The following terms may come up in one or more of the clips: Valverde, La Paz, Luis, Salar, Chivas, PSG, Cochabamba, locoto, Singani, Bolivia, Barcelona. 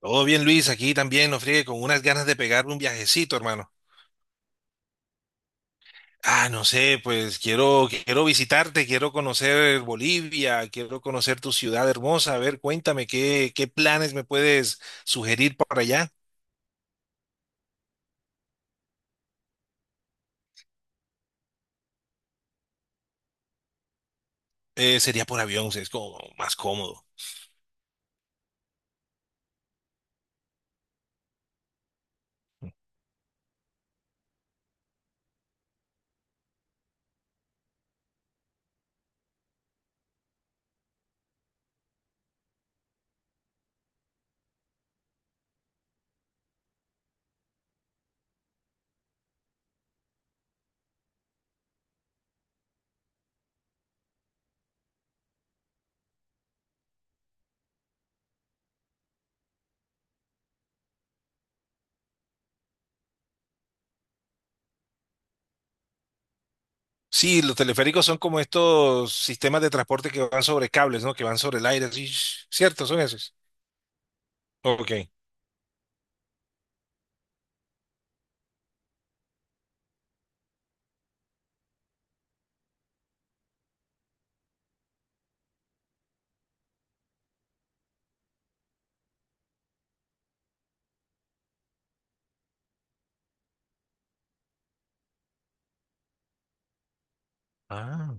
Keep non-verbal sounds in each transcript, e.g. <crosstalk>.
Todo bien, Luis, aquí también, no friegue, con unas ganas de pegarme un viajecito, hermano. Ah, no sé, pues quiero, visitarte, quiero conocer Bolivia, quiero conocer tu ciudad hermosa. A ver, cuéntame, ¿qué planes me puedes sugerir para allá? Sería por avión, es como más cómodo. Sí, los teleféricos son como estos sistemas de transporte que van sobre cables, ¿no? Que van sobre el aire, sí, cierto, son esos. Ok. Ah,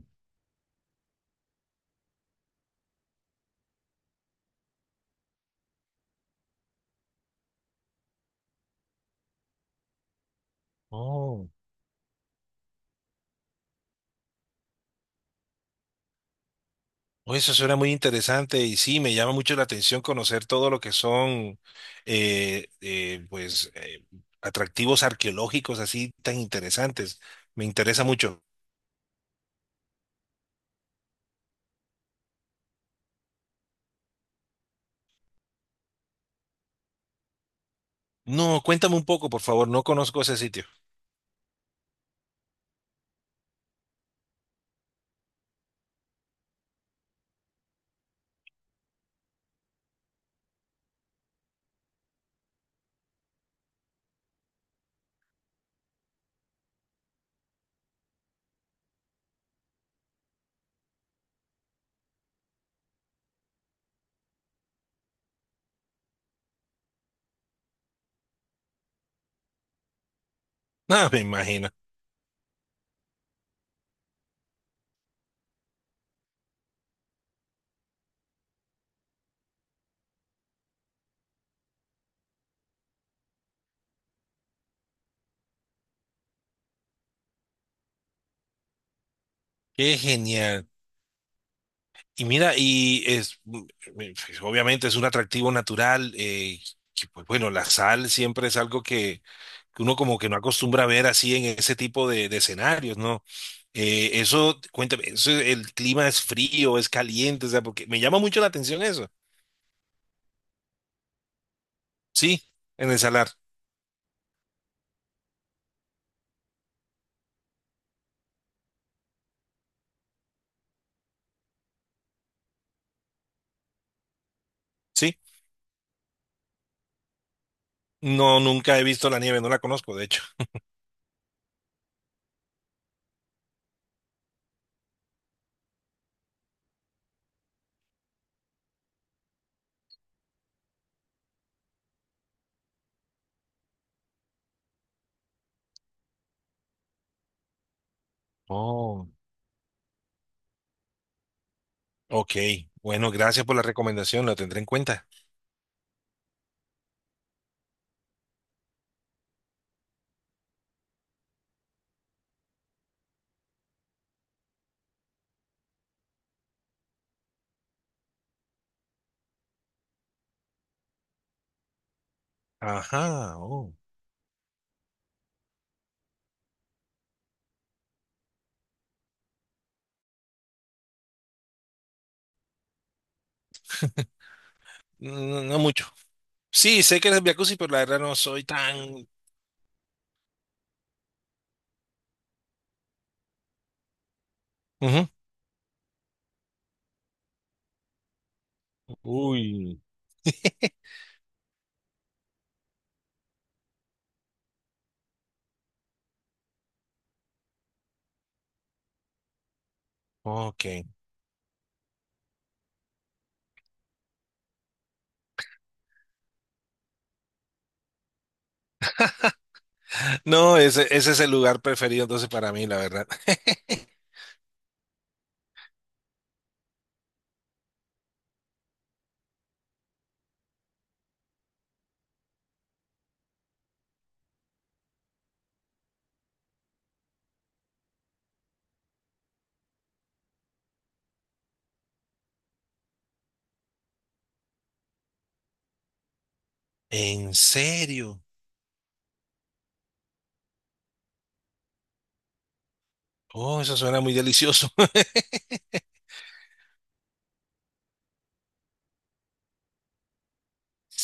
oh. Oye, eso suena muy interesante y sí, me llama mucho la atención conocer todo lo que son, eh, eh, pues, eh, atractivos arqueológicos así tan interesantes. Me interesa mucho. No, cuéntame un poco, por favor, no conozco ese sitio. <laughs> Ah, me imagino. Qué genial. Y mira, obviamente es un atractivo natural, que, pues bueno, la sal siempre es algo que uno como que no acostumbra a ver así en ese tipo de escenarios, ¿no? Eso, cuéntame, eso, el clima es frío, es caliente, o sea, porque me llama mucho la atención eso. Sí, en el salar, sí. No, nunca he visto la nieve, no la conozco, de hecho. Oh, ok. Bueno, gracias por la recomendación, la tendré en cuenta. Ajá, oh. No, no mucho. Sí, sé que eres jacuzzi, pero la verdad no soy tan... Ujú. Uy, <laughs> ok. No, ese es el lugar preferido entonces para mí, la verdad. <laughs> ¿En serio? Oh, eso suena muy delicioso. <laughs>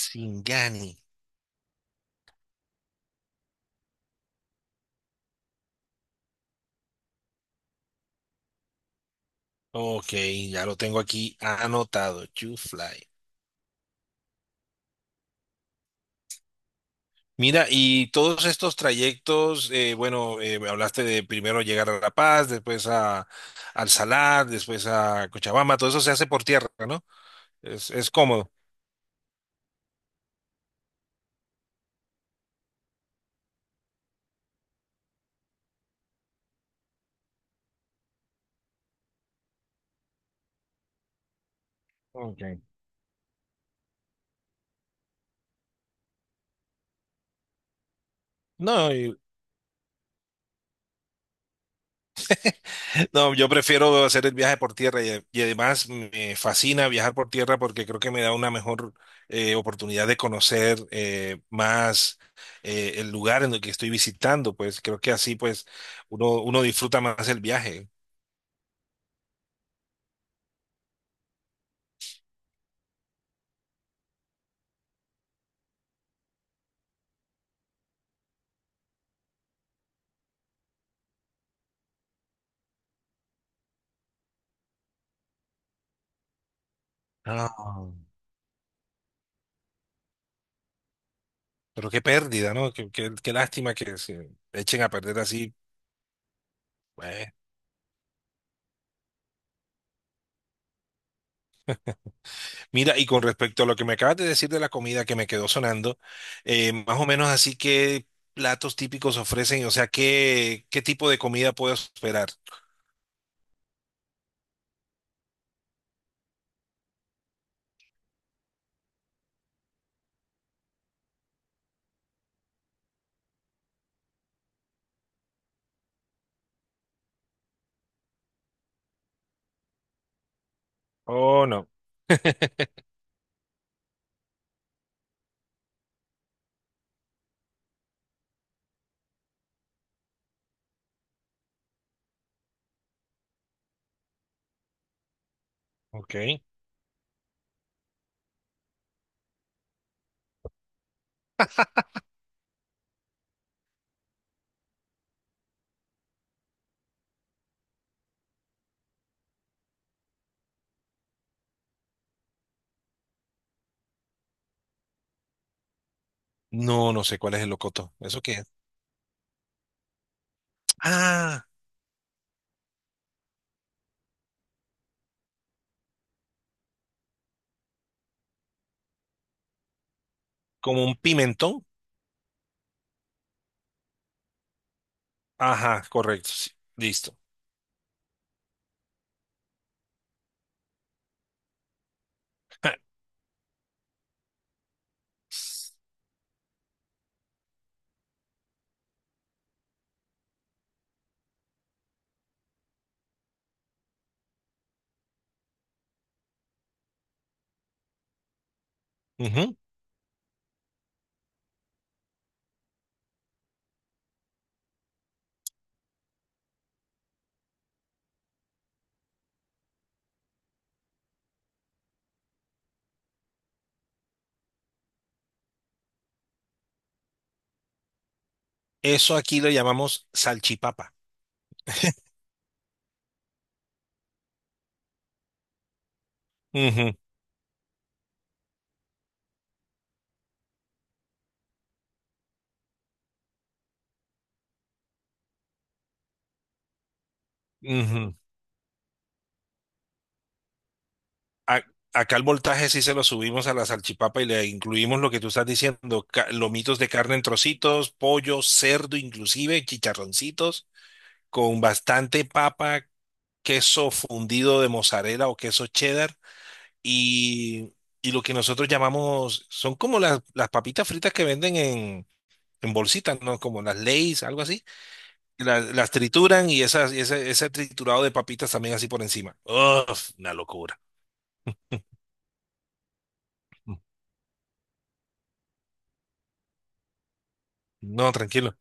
Singani. Ok, ya lo tengo aquí anotado. Fly. Mira, y todos estos trayectos, me hablaste de primero llegar a La Paz, después a, al Salar, después a Cochabamba, todo eso se hace por tierra, ¿no? Es cómodo. Ok. No, y- no, yo prefiero hacer el viaje por tierra y además me fascina viajar por tierra porque creo que me da una mejor oportunidad de conocer más, el lugar en el que estoy visitando, pues creo que así pues uno disfruta más el viaje. Ah. Pero qué pérdida, ¿no? Qué lástima que se echen a perder así. Pues, mira, y con respecto a lo que me acabas de decir de la comida que me quedó sonando, más o menos así, ¿qué platos típicos ofrecen? O sea, ¿qué tipo de comida puedo esperar? Oh, no. Ok. No, no sé cuál es el locoto. ¿Eso qué es? Ah, como un pimentón. Ajá, correcto. Sí. Listo. <laughs> Ujú. Eso aquí lo llamamos salchipapa. Ujú, ujú. a- Acá el voltaje sí se lo subimos a la salchipapa y le incluimos lo que tú estás diciendo, lomitos de carne en trocitos, pollo, cerdo inclusive, chicharroncitos, con bastante papa, queso fundido de mozzarella o queso cheddar y, y lo que nosotros llamamos, son como las papitas fritas que venden en... En bolsitas, ¿no? Como las Lay's, algo así. Las trituran y esas, y ese triturado de papitas también así por encima. Uf, una locura. No, tranquilo.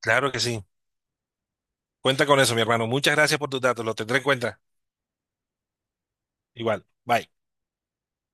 Claro que sí. Cuenta con eso, mi hermano. Muchas gracias por tus datos. Lo tendré en cuenta. Igual. Bye.